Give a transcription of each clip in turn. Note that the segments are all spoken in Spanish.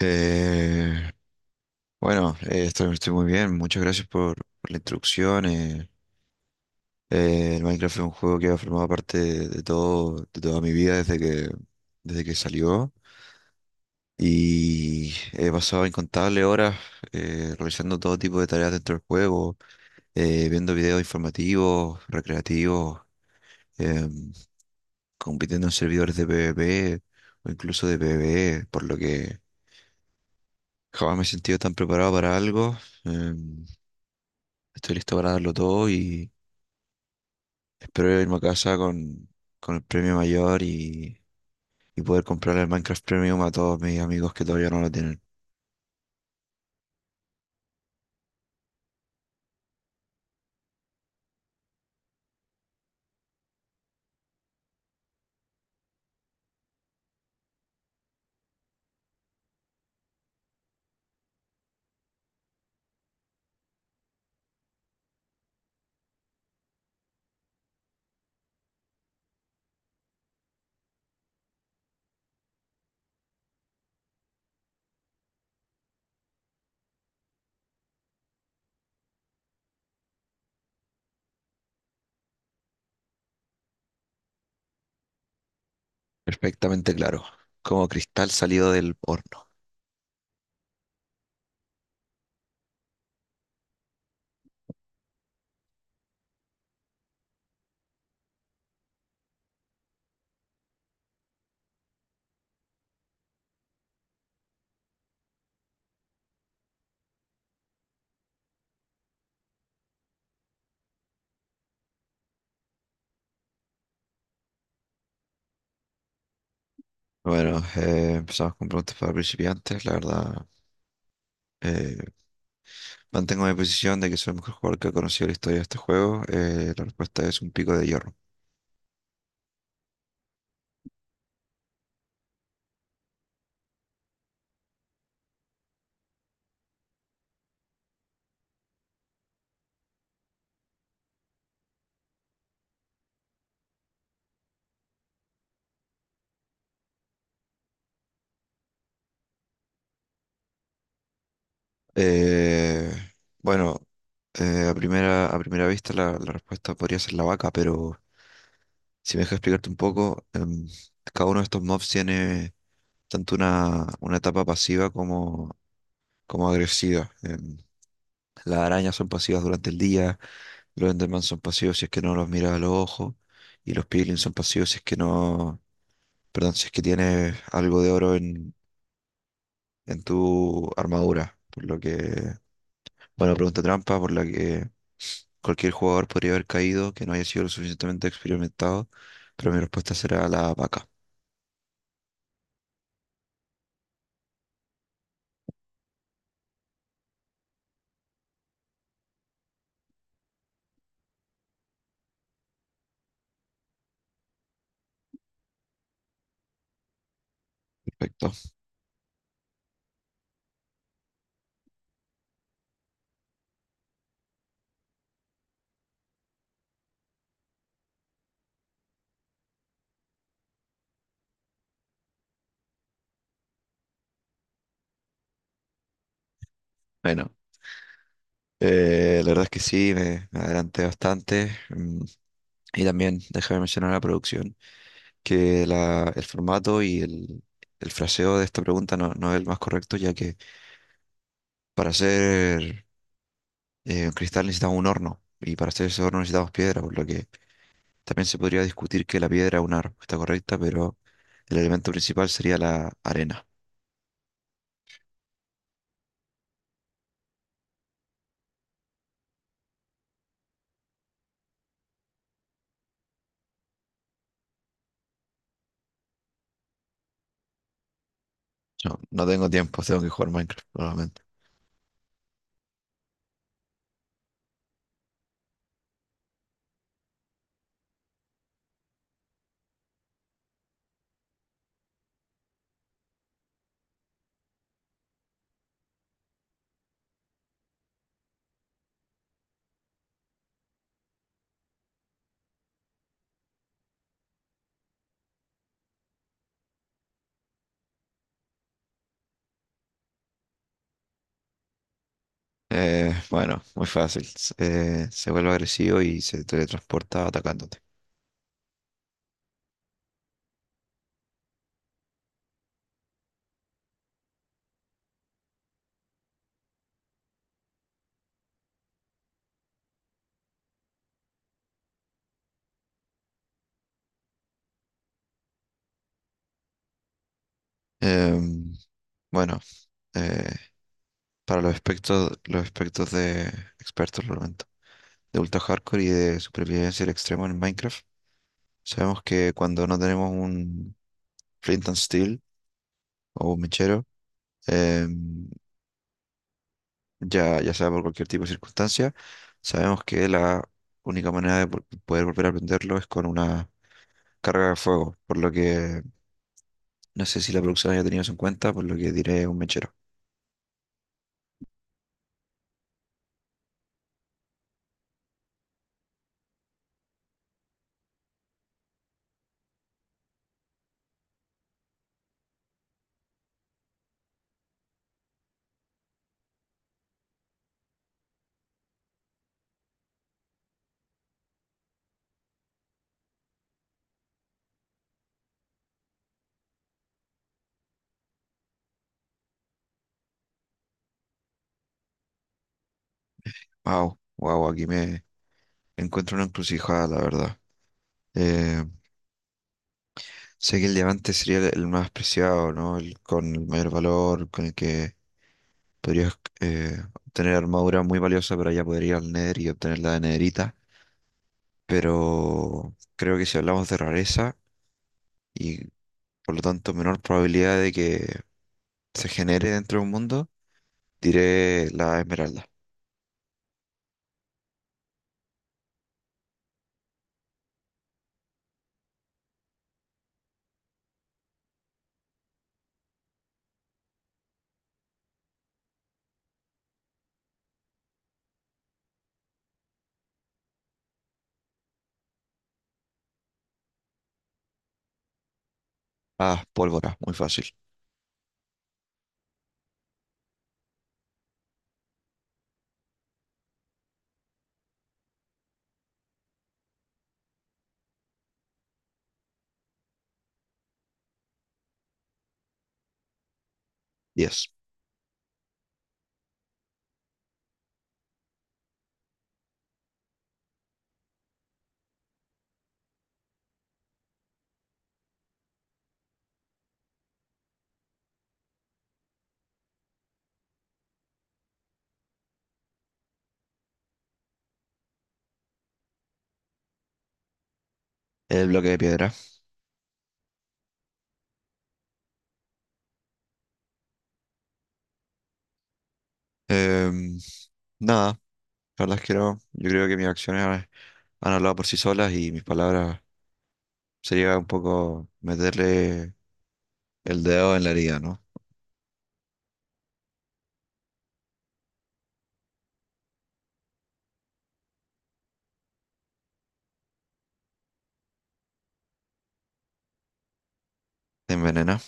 Eh, bueno, estoy muy bien. Muchas gracias por la introducción. El Minecraft es un juego que ha formado parte de todo, de toda mi vida desde desde que salió. Y he pasado incontables horas realizando todo tipo de tareas dentro del juego, viendo videos informativos, recreativos, em, compitiendo en servidores de PvP o incluso de PvE, por lo que jamás me he sentido tan preparado para algo. em, Estoy listo para darlo todo y espero irme a casa con el premio mayor y poder comprar el Minecraft Premium a todos mis amigos que todavía no lo tienen. Perfectamente claro, como cristal salido del horno. Bueno, empezamos con preguntas para principiantes. La verdad, eh, mantengo mi posición de que soy el mejor jugador que ha conocido la historia de este juego. La respuesta es un pico de hierro. Eh, bueno, a primera vista la respuesta podría ser la vaca, pero si me dejas explicarte un poco, cada uno de estos mobs tiene tanto una etapa pasiva como agresiva. Las arañas son pasivas durante el día, los Enderman son pasivos si es que no los miras a los ojos, y los Piglins son pasivos si es que no, perdón, si es que tienes algo de oro en tu armadura, por lo que bueno, pregunta trampa por la que cualquier jugador podría haber caído que no haya sido lo suficientemente experimentado, pero mi respuesta será la vaca. Perfecto. Bueno, la verdad es que sí, me adelanté bastante. Y también, déjame mencionar la producción, que el formato y el fraseo de esta pregunta no es el más correcto, ya que para hacer un cristal necesitamos un horno, y para hacer ese horno necesitamos piedra, por lo que también se podría discutir que la piedra es una respuesta correcta, pero el elemento principal sería la arena. No, no tengo tiempo, tengo que jugar Minecraft. Bueno, muy fácil. Se vuelve agresivo y se teletransporta atacándote. Em, bueno, eh, para los aspectos de expertos, lo lamento, de ultra hardcore y de supervivencia al extremo en Minecraft, sabemos que cuando no tenemos un flint and steel o un mechero, em, ya sea por cualquier tipo de circunstancia, sabemos que la única manera de poder volver a aprenderlo es con una carga de fuego, por lo que no sé si la producción haya tenido eso en cuenta, por lo que diré un mechero. Wow, wow, aquí me encuentro una encrucijada, la verdad. Eh, sé que el diamante sería el más preciado, ¿no? El, con el mayor valor, con el que podrías obtener armadura muy valiosa, pero ya podría ir al Nether y obtener la de Nederita, pero creo que si hablamos de rareza y por lo tanto menor probabilidad de que se genere dentro de un mundo, diré la esmeralda. Ah, pólvora, muy fácil. 10. El bloque de piedra. Em, nada, la verdad es que no. Yo creo que mis acciones han, han hablado por sí solas y mis palabras sería un poco meterle el dedo en la herida, ¿no? Te envenena.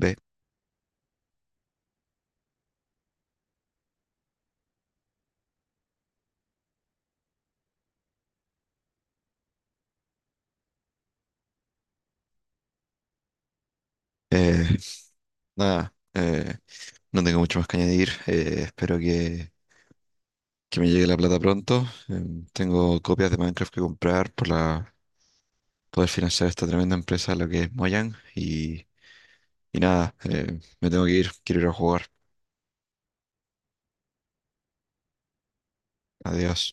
Ve. Eh, nada, no tengo mucho más que añadir. Espero que me llegue la plata pronto. Tengo copias de Minecraft que comprar para poder financiar esta tremenda empresa, lo que es Mojang. Y nada, me tengo que ir, quiero ir a jugar. Adiós.